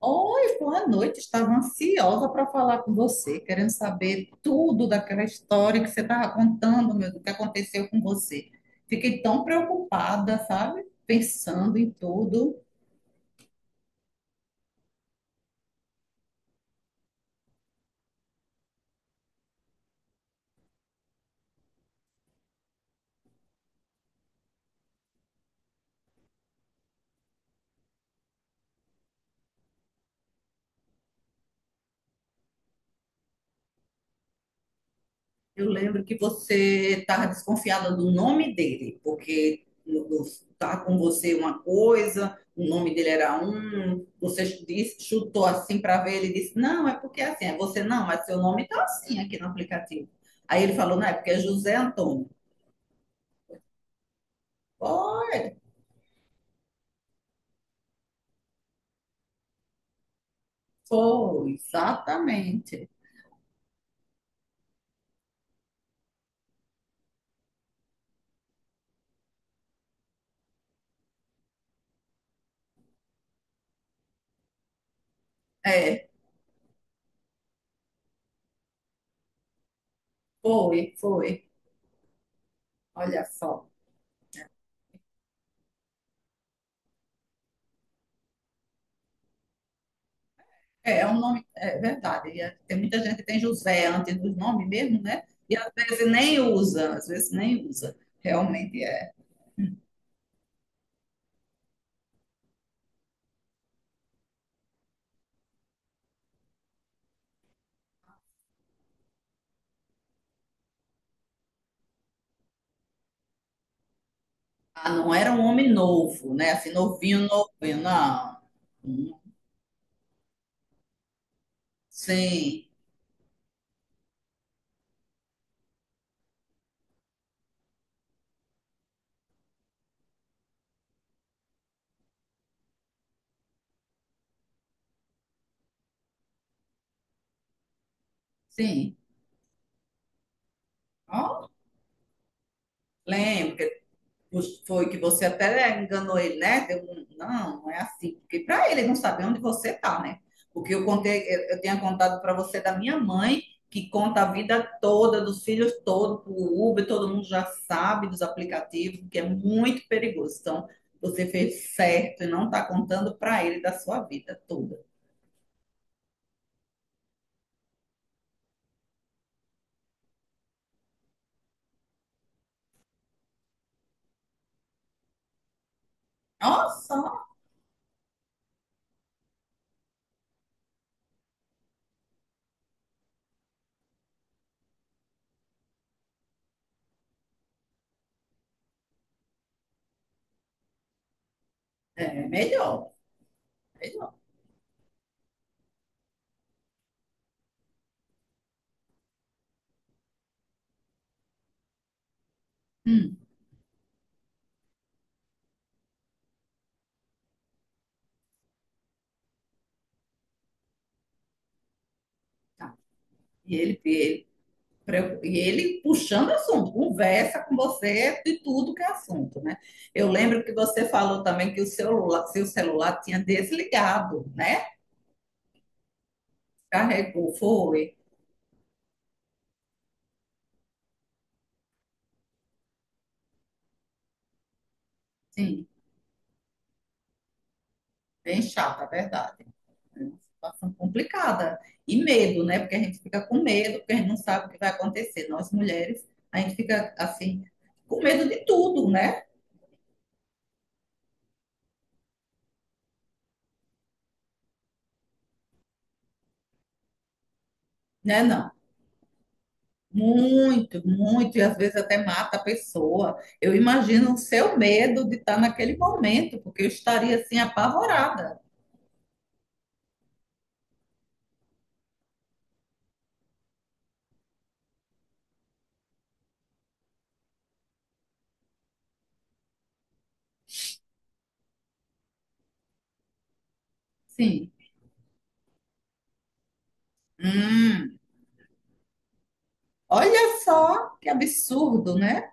Oi, boa noite. Estava ansiosa para falar com você, querendo saber tudo daquela história que você estava contando, meu, do que aconteceu com você. Fiquei tão preocupada, sabe? Pensando em tudo. Eu lembro que você estava desconfiada do nome dele, porque estava com você uma coisa, o nome dele era um, você disse- chutou assim para ver, ele disse, não, é porque é assim, é você não, mas seu nome está assim aqui no aplicativo. Aí ele falou, não, é porque é José Antônio. Foi, foi, exatamente. É, foi, foi. Olha só. É, é um nome, é verdade. E é- Tem muita gente que tem José antes dos nomes mesmo, né? E às vezes nem usa, às vezes nem usa. Realmente é. Ah, não era um homem novo, né? Assim, novinho, novinho, não. Hum, sim, sim. Ó, lembro. Foi que você até enganou ele, né? Deu um- não, não é assim. Porque para ele não saber onde você tá, né? Porque eu contei, eu, tinha contado para você da minha mãe, que conta a vida toda, dos filhos todos, o Uber, todo mundo já sabe dos aplicativos, que é muito perigoso. Então, você fez certo e não está contando para ele da sua vida toda. Nossa, é melhor, melhor. Hum, tá. E ele, e ele puxando assunto, conversa com você de tudo que é assunto, né? Eu lembro que você falou também que o celular, seu celular tinha desligado, né? Carregou, foi. Sim, bem chata, é verdade. É uma situação complicada. E medo, né? Porque a gente fica com medo, porque a gente não sabe o que vai acontecer. Nós mulheres, a gente fica assim, com medo de tudo, né? Né, não? Muito, muito, e às vezes até mata a pessoa. Eu imagino o seu medo de estar naquele momento, porque eu estaria assim apavorada. Sim. Hum, olha só que absurdo, né?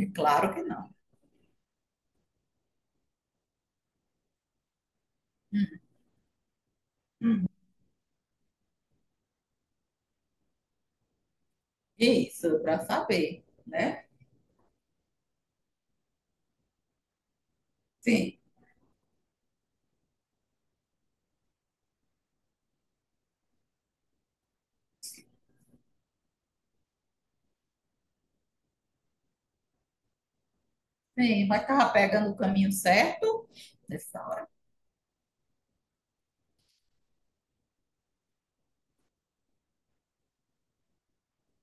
É claro que não. Isso, para saber, né? Sim, sim, mas estava pegando o caminho certo nessa hora.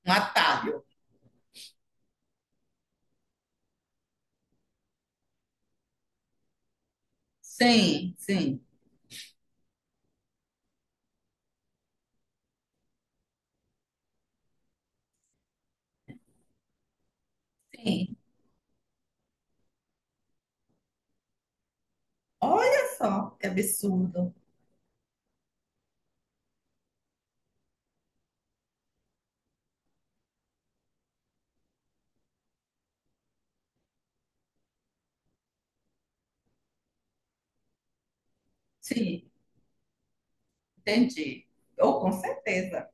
Um atalho. Sim, sim, sim. Olha só que absurdo. Sim, entendi. Oh, com certeza.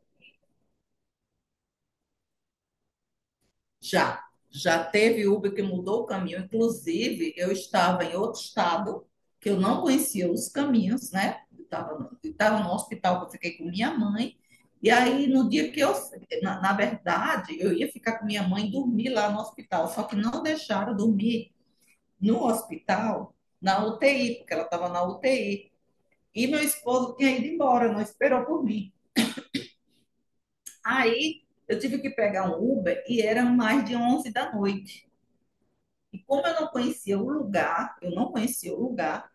Já, já teve Uber que mudou o caminho. Inclusive, eu estava em outro estado, que eu não conhecia os caminhos, né? Eu estava no hospital que eu fiquei com minha mãe. E aí, no dia que eu, na verdade, eu ia ficar com minha mãe e dormir lá no hospital, só que não deixaram dormir no hospital, na UTI, porque ela estava na UTI. E meu esposo tinha ido embora, não esperou por mim. Aí, eu tive que pegar um Uber e era mais de 11 da noite. E como eu não conhecia o lugar, eu não conhecia o lugar,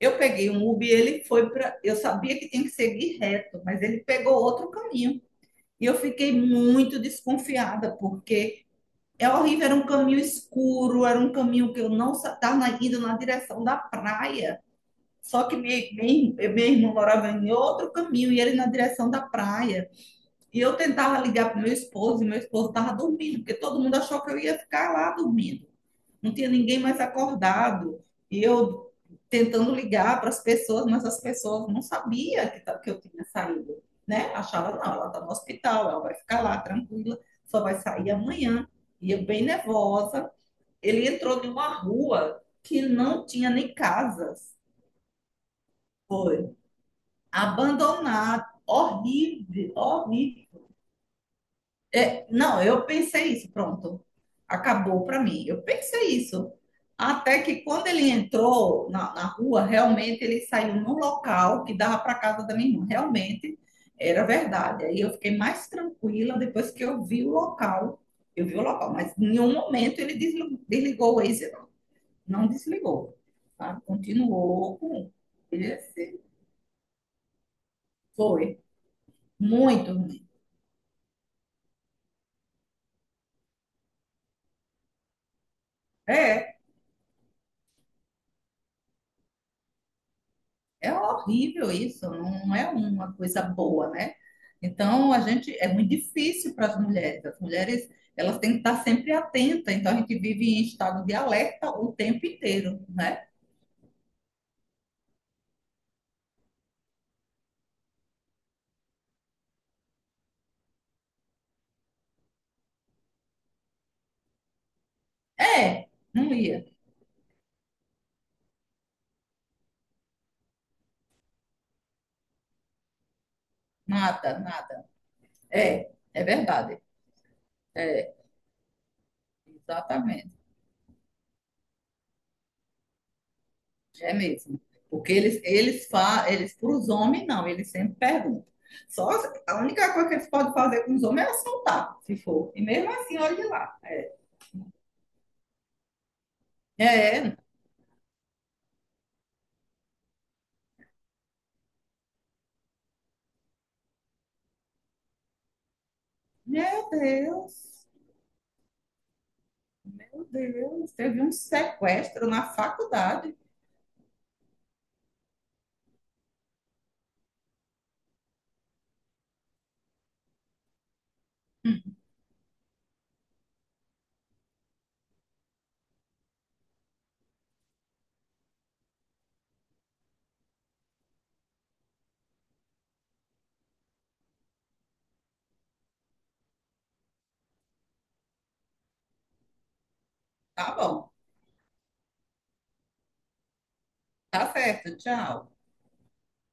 eu peguei um Uber e ele foi para. Eu sabia que tinha que seguir reto, mas ele pegou outro caminho. E eu fiquei muito desconfiada, porque é horrível, era um caminho escuro, era um caminho que eu não estava indo na direção da praia. Só que minha irmã morava em outro caminho e ele na direção da praia. E eu tentava ligar para o meu esposo, e meu esposo estava dormindo, porque todo mundo achou que eu ia ficar lá dormindo não tinha ninguém mais acordado. E eu tentando ligar para as pessoas, mas as pessoas não sabiam que eu tinha saído, né? Achava, não, ela está no hospital, ela vai ficar lá tranquila, só vai sair amanhã. E eu bem nervosa. Ele entrou em uma rua que não tinha nem casas. Foi abandonado, horrível, horrível. Não, eu pensei isso, pronto. Acabou para mim. Eu pensei isso. Até que quando ele entrou na rua, realmente ele saiu num local que dava para casa da minha irmã. Realmente era verdade. Aí eu fiquei mais tranquila depois que eu vi o local. Eu vi o local, mas em nenhum momento ele desligou o Waze, não, desligou. Sabe? Continuou com esse. Foi muito ruim. É. É horrível isso, não é uma coisa boa, né? Então, a gente é muito difícil para as mulheres. As mulheres, elas têm que estar sempre atentas. Então, a gente vive em estado de alerta o tempo inteiro, né? É, não ia, nada, nada. É, é verdade. É, exatamente. É mesmo. Porque eles, eles para os homens não, eles sempre perguntam. Só as- a única coisa que eles podem fazer com os homens é assaltar, se for. E mesmo assim, olhe lá. É, é, Meu Deus, meu Deus, teve um sequestro na faculdade. Tá bom, tá certo, tchau.